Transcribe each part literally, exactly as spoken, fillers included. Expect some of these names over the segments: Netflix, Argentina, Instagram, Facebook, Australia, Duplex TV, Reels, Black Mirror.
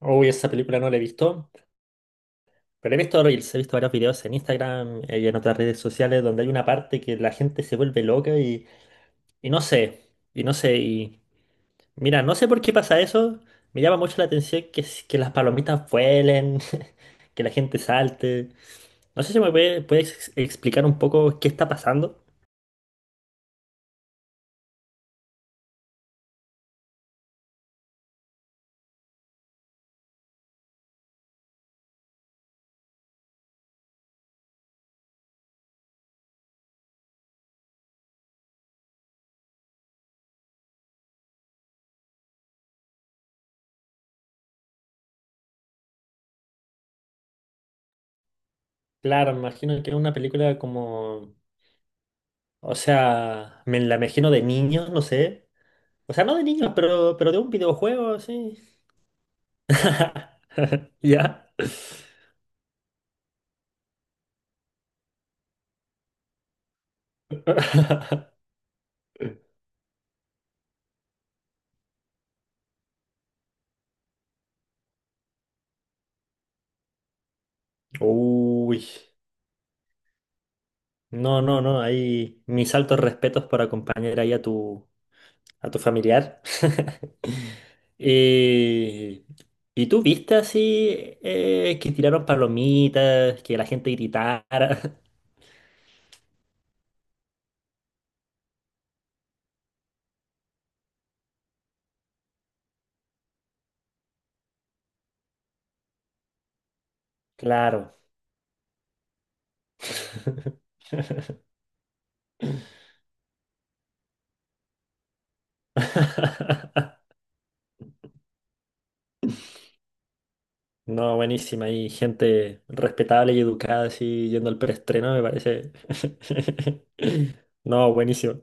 Uy, esa película no la he visto, pero he visto Reels, he visto varios videos en Instagram eh, y en otras redes sociales donde hay una parte que la gente se vuelve loca y, y no sé, y no sé, y mira, no sé por qué pasa eso, me llama mucho la atención que, s- que las palomitas vuelen, que la gente salte, no sé si me puede- puedes ex- explicar un poco qué está pasando. Claro, me imagino que es una película como, o sea, me la imagino de niños, no sé, o sea, no de niños, pero, pero de un videojuego, sí. ¿Ya? Uy. No, no, no. Ahí mis altos respetos por acompañar ahí a tu, a tu familiar. Eh, ¿y tú viste así eh, que tiraron palomitas, que la gente gritara? Claro. No, buenísima. Hay gente respetable y educada así yendo al preestreno, me parece. No, buenísimo.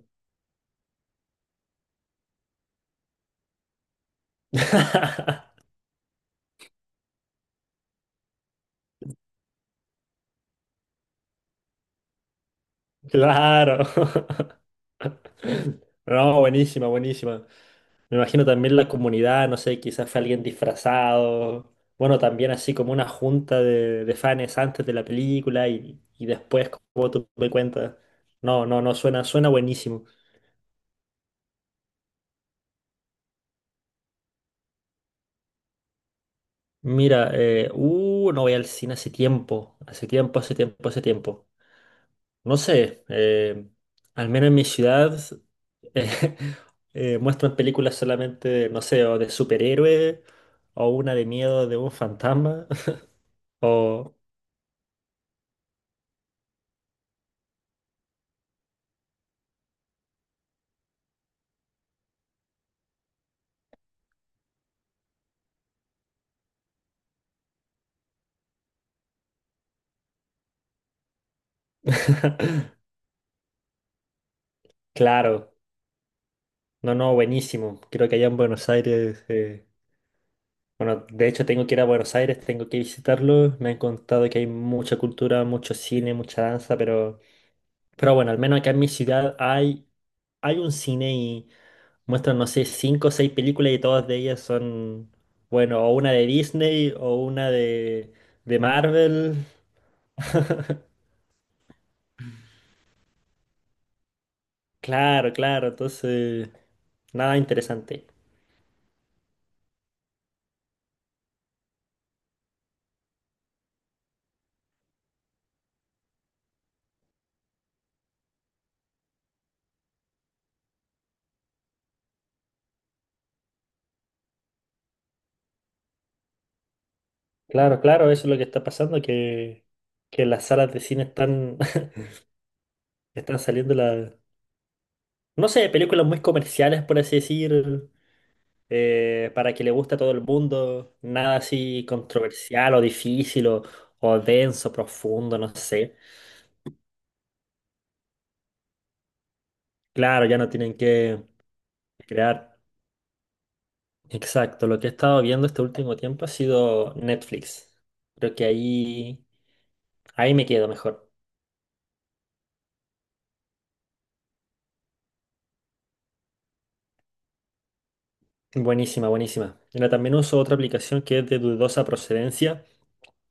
Claro. No, buenísima, buenísima. Me imagino también la comunidad, no sé, quizás fue alguien disfrazado. Bueno, también así como una junta de, de fans antes de la película y, y después, como tú me cuentas. No, no, no, suena, suena buenísimo. Mira, eh, uh, no voy al cine hace tiempo, hace tiempo, hace tiempo, hace tiempo. No sé, eh, al menos en mi ciudad eh, eh, muestran películas solamente, no sé, o de superhéroes o una de miedo de un fantasma. Oh, claro. No, no, buenísimo. Creo que allá en Buenos Aires, eh, bueno, de hecho tengo que ir a Buenos Aires, tengo que visitarlo. Me han contado que hay mucha cultura, mucho cine, mucha danza, pero, pero bueno, al menos acá en mi ciudad hay, hay un cine y muestran, no sé, cinco o seis películas y todas de ellas son, bueno, o una de Disney o una de, de Marvel. Claro, claro, entonces, nada interesante. Claro, claro, eso es lo que está pasando, que, que las salas de cine están, están saliendo la, no sé, películas muy comerciales, por así decir, eh, para que le guste a todo el mundo, nada así controversial o difícil o, o denso, profundo, no sé. Claro, ya no tienen que crear. Exacto, lo que he estado viendo este último tiempo ha sido Netflix. Creo que ahí, ahí me quedo mejor. Buenísima, buenísima. Mira, también uso otra aplicación que es de dudosa procedencia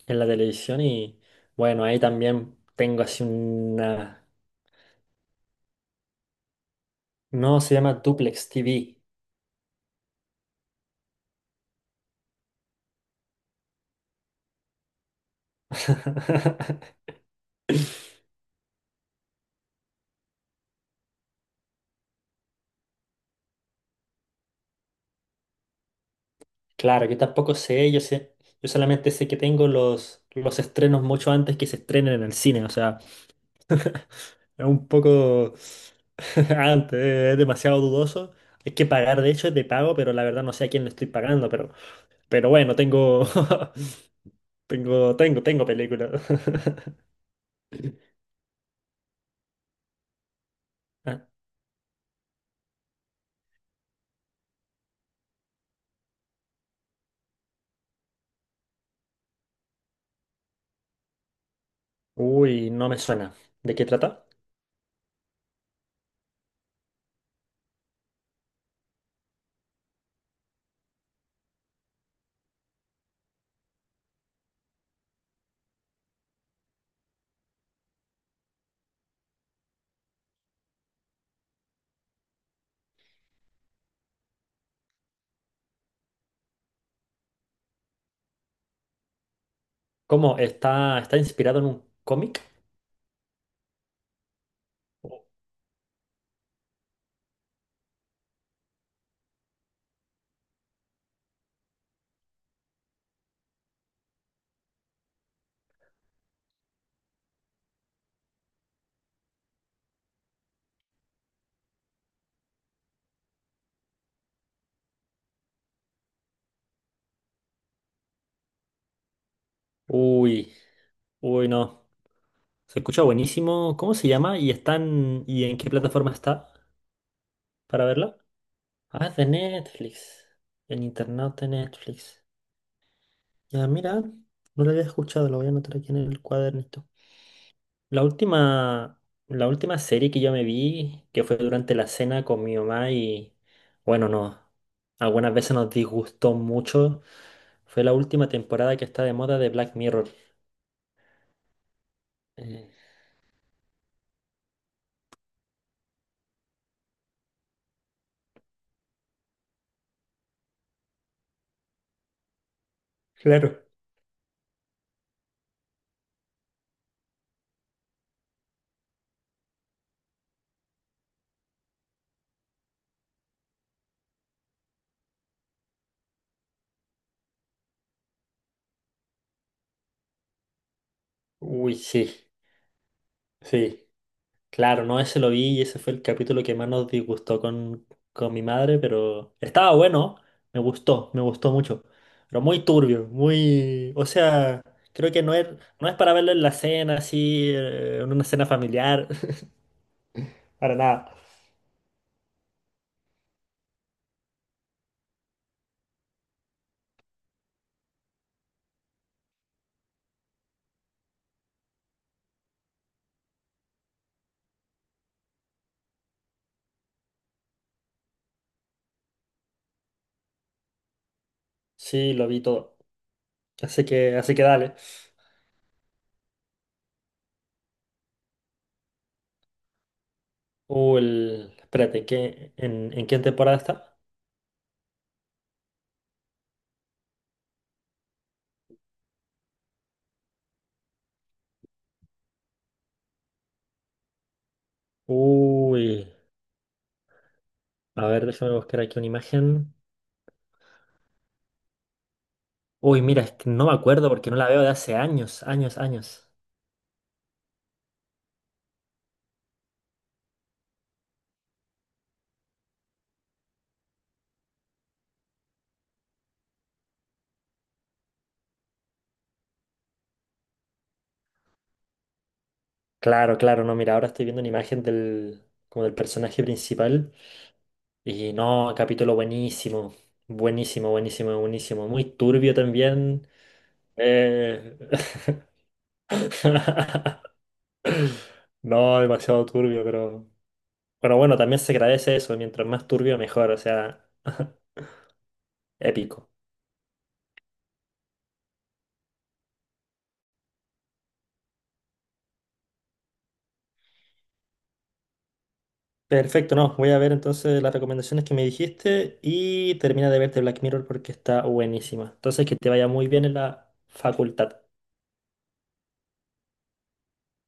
en la televisión y bueno, ahí también tengo así una... No, se llama Duplex T V. Claro, yo tampoco sé, yo sé, yo solamente sé que tengo los, los estrenos mucho antes que se estrenen en el cine, o sea, es un poco antes, es demasiado dudoso. Hay que pagar, de hecho es de pago, pero la verdad no sé a quién le estoy pagando, pero, pero bueno, tengo Tengo, tengo, tengo película. Ah, uy, no me suena. ¿De qué trata? ¿Cómo? ¿Está, está inspirado en un cómic? Uy, uy, no. Se escucha buenísimo. ¿Cómo se llama? ¿Y están, y en qué plataforma está para verla? Ah, es de Netflix. En internet de Netflix. Ya, mira, no lo había escuchado, lo voy a anotar aquí en el cuadernito. La última, la última serie que yo me vi, que fue durante la cena con mi mamá y bueno, no, algunas veces nos disgustó mucho, fue la última temporada que está de moda de Black Mirror. Eh, claro. Uy, sí, sí. Claro, no, ese lo vi y ese fue el capítulo que más nos disgustó con, con mi madre, pero estaba bueno, me gustó, me gustó mucho, pero muy turbio, muy, o sea, creo que no es, no es para verlo en la cena, así, eh, en una cena familiar, para nada. Sí, lo vi todo, así que, así que dale. Uy, el- espérate, ¿qué, en, en qué temporada está? Uy, a ver, déjame buscar aquí una imagen. Uy, mira, es que no me acuerdo porque no la veo de hace años, años, años. Claro, claro, no, mira, ahora estoy viendo una imagen del, como del personaje principal y no, capítulo buenísimo, buenísimo, buenísimo, buenísimo, muy turbio también. eh, No, demasiado turbio, pero... Pero bueno, también se agradece eso, mientras más turbio mejor, o sea, épico. Perfecto, no, voy a ver entonces las recomendaciones que me dijiste y termina de verte Black Mirror porque está buenísima. Entonces, que te vaya muy bien en la facultad.